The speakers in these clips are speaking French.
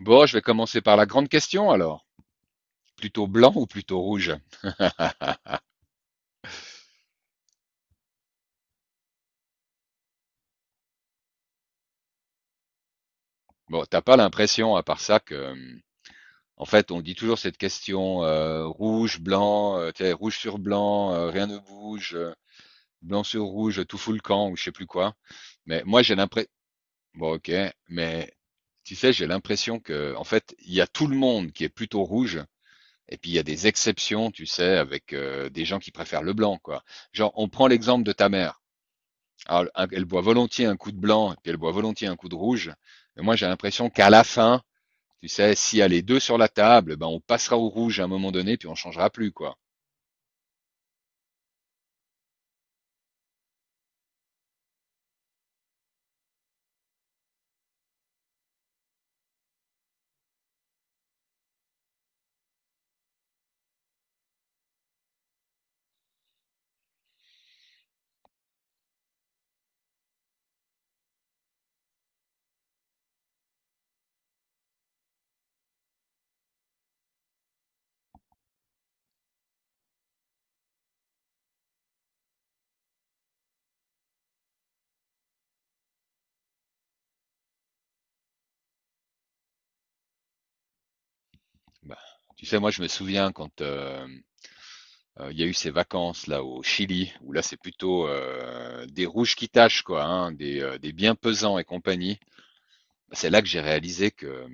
Bon, je vais commencer par la grande question alors. Plutôt blanc ou plutôt rouge? Bon, t'as pas l'impression, à part ça, que, en fait, on dit toujours cette question rouge, blanc, tu sais, rouge sur blanc, rien ne bouge, blanc sur rouge, tout fout le camp, ou je sais plus quoi. Mais moi, j'ai l'impression. Bon, ok, mais tu sais, j'ai l'impression que, en fait, il y a tout le monde qui est plutôt rouge, et puis il y a des exceptions, tu sais, avec des gens qui préfèrent le blanc, quoi. Genre, on prend l'exemple de ta mère. Alors, elle boit volontiers un coup de blanc et puis elle boit volontiers un coup de rouge. Mais moi, j'ai l'impression qu'à la fin, tu sais, s'il y a les deux sur la table, ben, on passera au rouge à un moment donné, puis on changera plus, quoi. Ben, tu sais, moi, je me souviens quand il y a eu ces vacances là au Chili, où là, c'est plutôt des rouges qui tâchent, quoi, hein, des bien pesants et compagnie. Ben, c'est là que j'ai réalisé que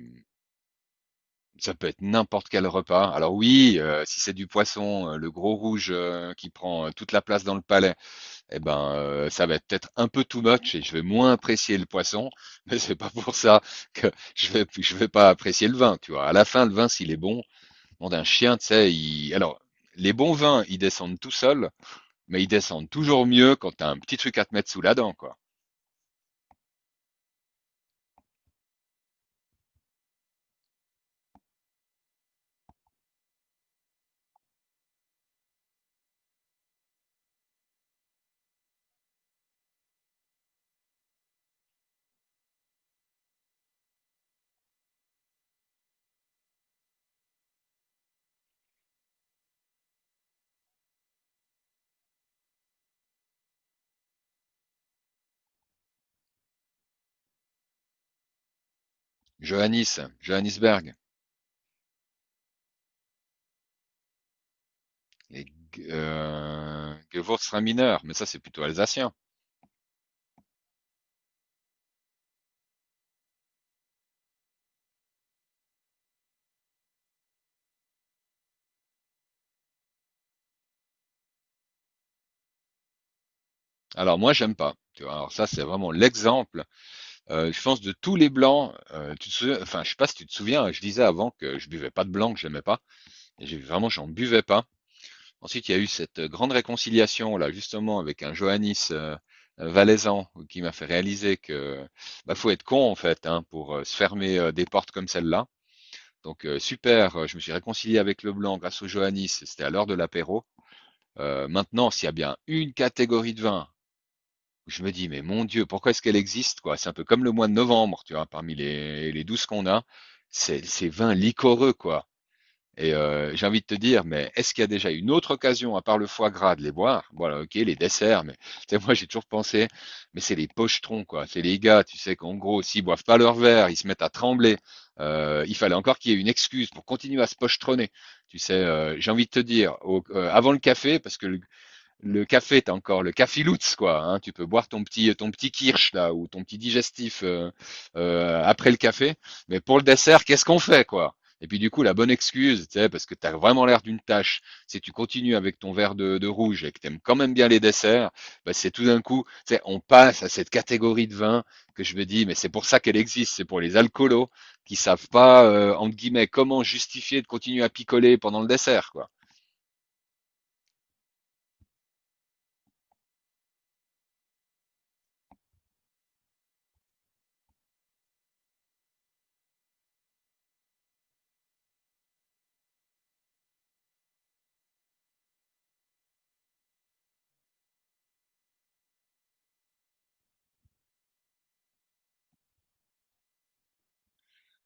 ça peut être n'importe quel repas. Alors oui, si c'est du poisson, le gros rouge qui prend toute la place dans le palais. Eh ben, ça va être peut-être un peu too much et je vais moins apprécier le poisson, mais c'est pas pour ça que je vais pas apprécier le vin, tu vois. À la fin, le vin, s'il est bon, bon d'un chien, tu sais, il... alors, les bons vins, ils descendent tout seuls, mais ils descendent toujours mieux quand t'as un petit truc à te mettre sous la dent, quoi. Johannisberg. Les Gewürztraminer, mais ça c'est plutôt alsacien. Alors moi j'aime pas. Tu vois, alors ça c'est vraiment l'exemple. Je pense de tous les blancs. Enfin je sais pas si tu te souviens, je disais avant que je buvais pas de blanc, que j'aimais pas. Et j'en buvais pas. Ensuite, il y a eu cette grande réconciliation, là, justement, avec un Johannis valaisan qui m'a fait réaliser que bah, faut être con, en fait, hein, pour se fermer des portes comme celle-là. Donc, super, je me suis réconcilié avec le blanc grâce au Johannis, c'était à l'heure de l'apéro. Maintenant, s'il y a bien une catégorie de vin, je me dis, mais mon Dieu, pourquoi est-ce qu'elle existe, quoi? C'est un peu comme le mois de novembre, tu vois, parmi les 12 qu'on a, c'est ces vins liquoreux, quoi. Et j'ai envie de te dire, mais est-ce qu'il y a déjà une autre occasion, à part le foie gras, de les boire? Voilà, ok, les desserts, mais tu sais, moi j'ai toujours pensé, mais c'est les pochetrons, quoi. C'est les gars, tu sais, qu'en gros, s'ils boivent pas leur verre, ils se mettent à trembler. Il fallait encore qu'il y ait une excuse pour continuer à se pochetronner. Tu sais, j'ai envie de te dire, avant le café, parce que le café, t'as encore le cafilutz, quoi. Hein. Tu peux boire ton petit kirsch, là, ou ton petit digestif après le café. Mais pour le dessert, qu'est-ce qu'on fait, quoi? Et puis, du coup, la bonne excuse, tu sais, parce que t'as vraiment l'air d'une tâche, si tu continues avec ton verre de rouge et que t'aimes quand même bien les desserts, bah, c'est tout d'un coup, tu sais, on passe à cette catégorie de vin que je me dis, mais c'est pour ça qu'elle existe, c'est pour les alcoolos qui savent pas, entre guillemets, comment justifier de continuer à picoler pendant le dessert, quoi.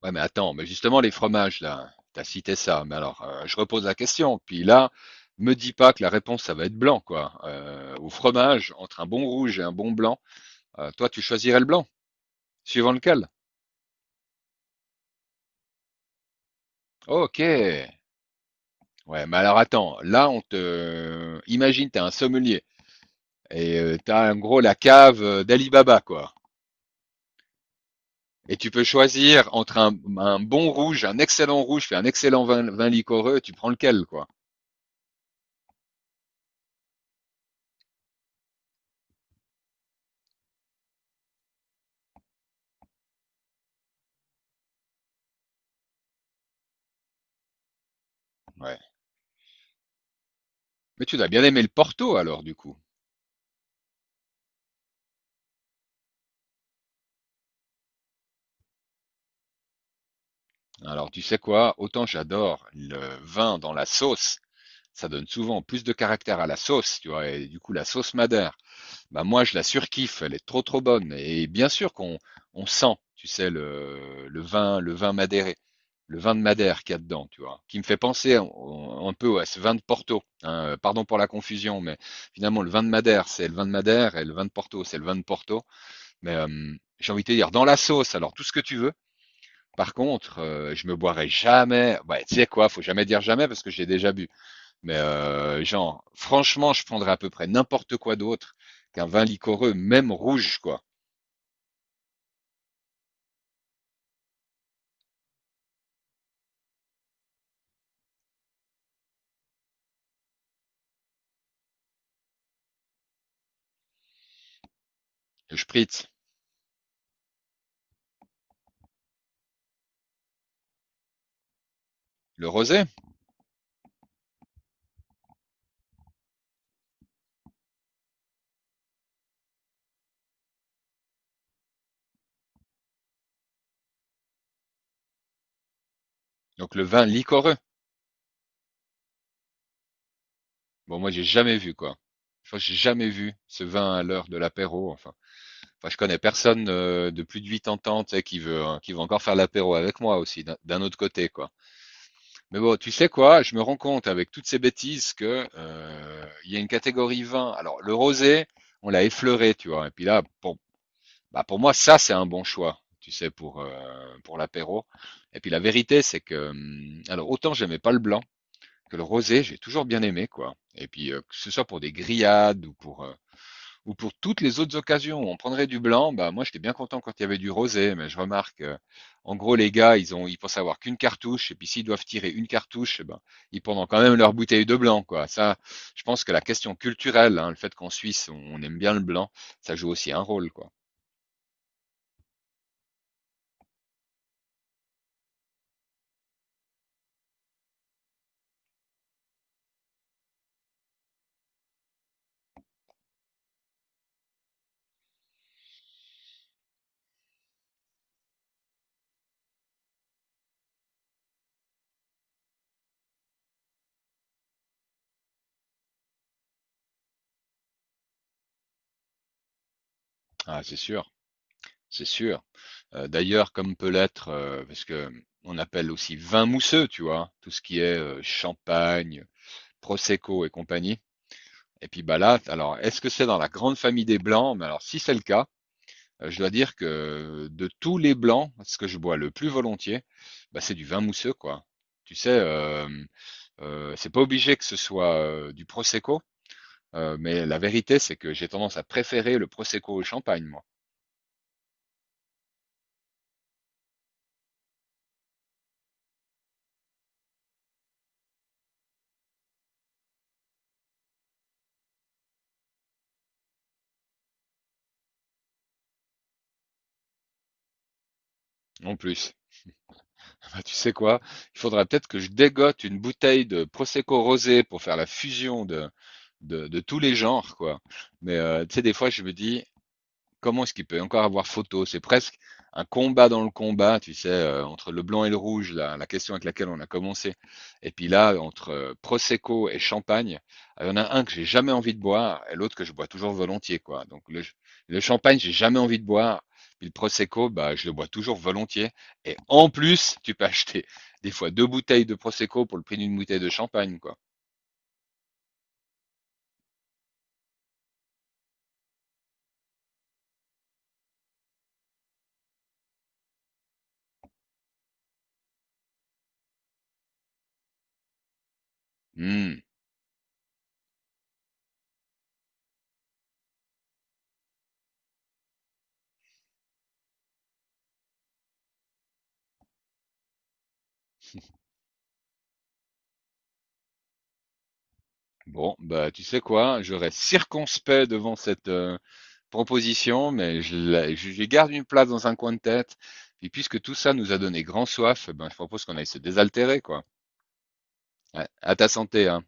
Ouais, mais attends, mais justement, les fromages, là, t'as cité ça, mais alors, je repose la question. Puis là, me dis pas que la réponse, ça va être blanc, quoi. Au fromage, entre un bon rouge et un bon blanc, toi, tu choisirais le blanc, suivant lequel? Ok. Ouais, mais alors attends, là, on te... Imagine, t'es un sommelier. Et t'as en gros la cave d'Alibaba, quoi. Et tu peux choisir entre un bon rouge, un excellent rouge, puis un excellent vin liquoreux, tu prends lequel, quoi. Ouais. Mais tu dois bien aimer le Porto alors, du coup. Alors, tu sais quoi? Autant j'adore le vin dans la sauce. Ça donne souvent plus de caractère à la sauce, tu vois, et du coup la sauce madère, bah moi je la surkiffe, elle est trop trop bonne. Et bien sûr qu'on on sent, tu sais, le vin madéré, le vin de Madère qu'il y a dedans, tu vois, qui me fait penser un peu à ce vin de Porto. Hein, pardon pour la confusion, mais finalement le vin de Madère, c'est le vin de Madère, et le vin de Porto, c'est le vin de Porto. Mais j'ai envie de te dire, dans la sauce, alors tout ce que tu veux. Par contre, je me boirai jamais. Ouais, tu sais quoi, faut jamais dire jamais parce que j'ai déjà bu. Mais genre, franchement, je prendrais à peu près n'importe quoi d'autre qu'un vin liquoreux, même rouge, quoi. Le spritz, le rosé, donc le vin liquoreux. Bon, moi, j'ai jamais vu, quoi. Je crois que j'ai jamais vu ce vin à l'heure de l'apéro. Enfin, enfin, je connais personne de plus de 80 ans, tu sais, qui veut, hein, qui veut encore faire l'apéro avec moi aussi, d'un autre côté, quoi. Mais bon, tu sais quoi, je me rends compte avec toutes ces bêtises que il y a une catégorie vin. Alors, le rosé, on l'a effleuré, tu vois. Et puis là, bon, bah, pour moi, ça, c'est un bon choix, tu sais, pour l'apéro. Et puis la vérité, c'est que, alors autant j'aimais pas le blanc que le rosé, j'ai toujours bien aimé, quoi. Et puis que ce soit pour des grillades ou pour toutes les autres occasions où on prendrait du blanc, bah moi j'étais bien content quand il y avait du rosé, mais je remarque, en gros les gars, ils pensent avoir qu'une cartouche, et puis s'ils doivent tirer une cartouche, eh ben, ils prendront quand même leur bouteille de blanc, quoi. Ça, je pense que la question culturelle, hein, le fait qu'en Suisse on aime bien le blanc, ça joue aussi un rôle, quoi. Ah, c'est sûr. C'est sûr. D'ailleurs, comme peut l'être, parce que on appelle aussi vin mousseux, tu vois? Tout ce qui est, champagne, prosecco et compagnie, et puis, bah, là, alors est-ce que c'est dans la grande famille des blancs? Mais alors si c'est le cas, je dois dire que de tous les blancs, ce que je bois le plus volontiers, bah, c'est du vin mousseux, quoi. Tu sais, hem, c'est pas obligé que ce soit, du prosecco, mais la vérité, c'est que j'ai tendance à préférer le prosecco au champagne, moi. Non plus. Ah bah, tu sais quoi? Il faudra peut-être que je dégote une bouteille de Prosecco rosé pour faire la fusion de tous les genres, quoi. Mais tu sais, des fois, je me dis, comment est-ce qu'il peut encore avoir photo? C'est presque un combat dans le combat, tu sais, entre le blanc et le rouge, la question avec laquelle on a commencé. Et puis là, entre Prosecco et Champagne, il y en a un que j'ai jamais envie de boire et l'autre que je bois toujours volontiers, quoi. Le Champagne, j'ai jamais envie de boire. Puis le Prosecco, bah, je le bois toujours volontiers. Et en plus, tu peux acheter des fois deux bouteilles de Prosecco pour le prix d'une bouteille de champagne, quoi. Hmm. Bon, bah, tu sais quoi, je reste circonspect devant cette, proposition, mais je garde une place dans un coin de tête. Et puisque tout ça nous a donné grand soif, eh ben, je propose qu'on aille se désaltérer, quoi. À ta santé, hein.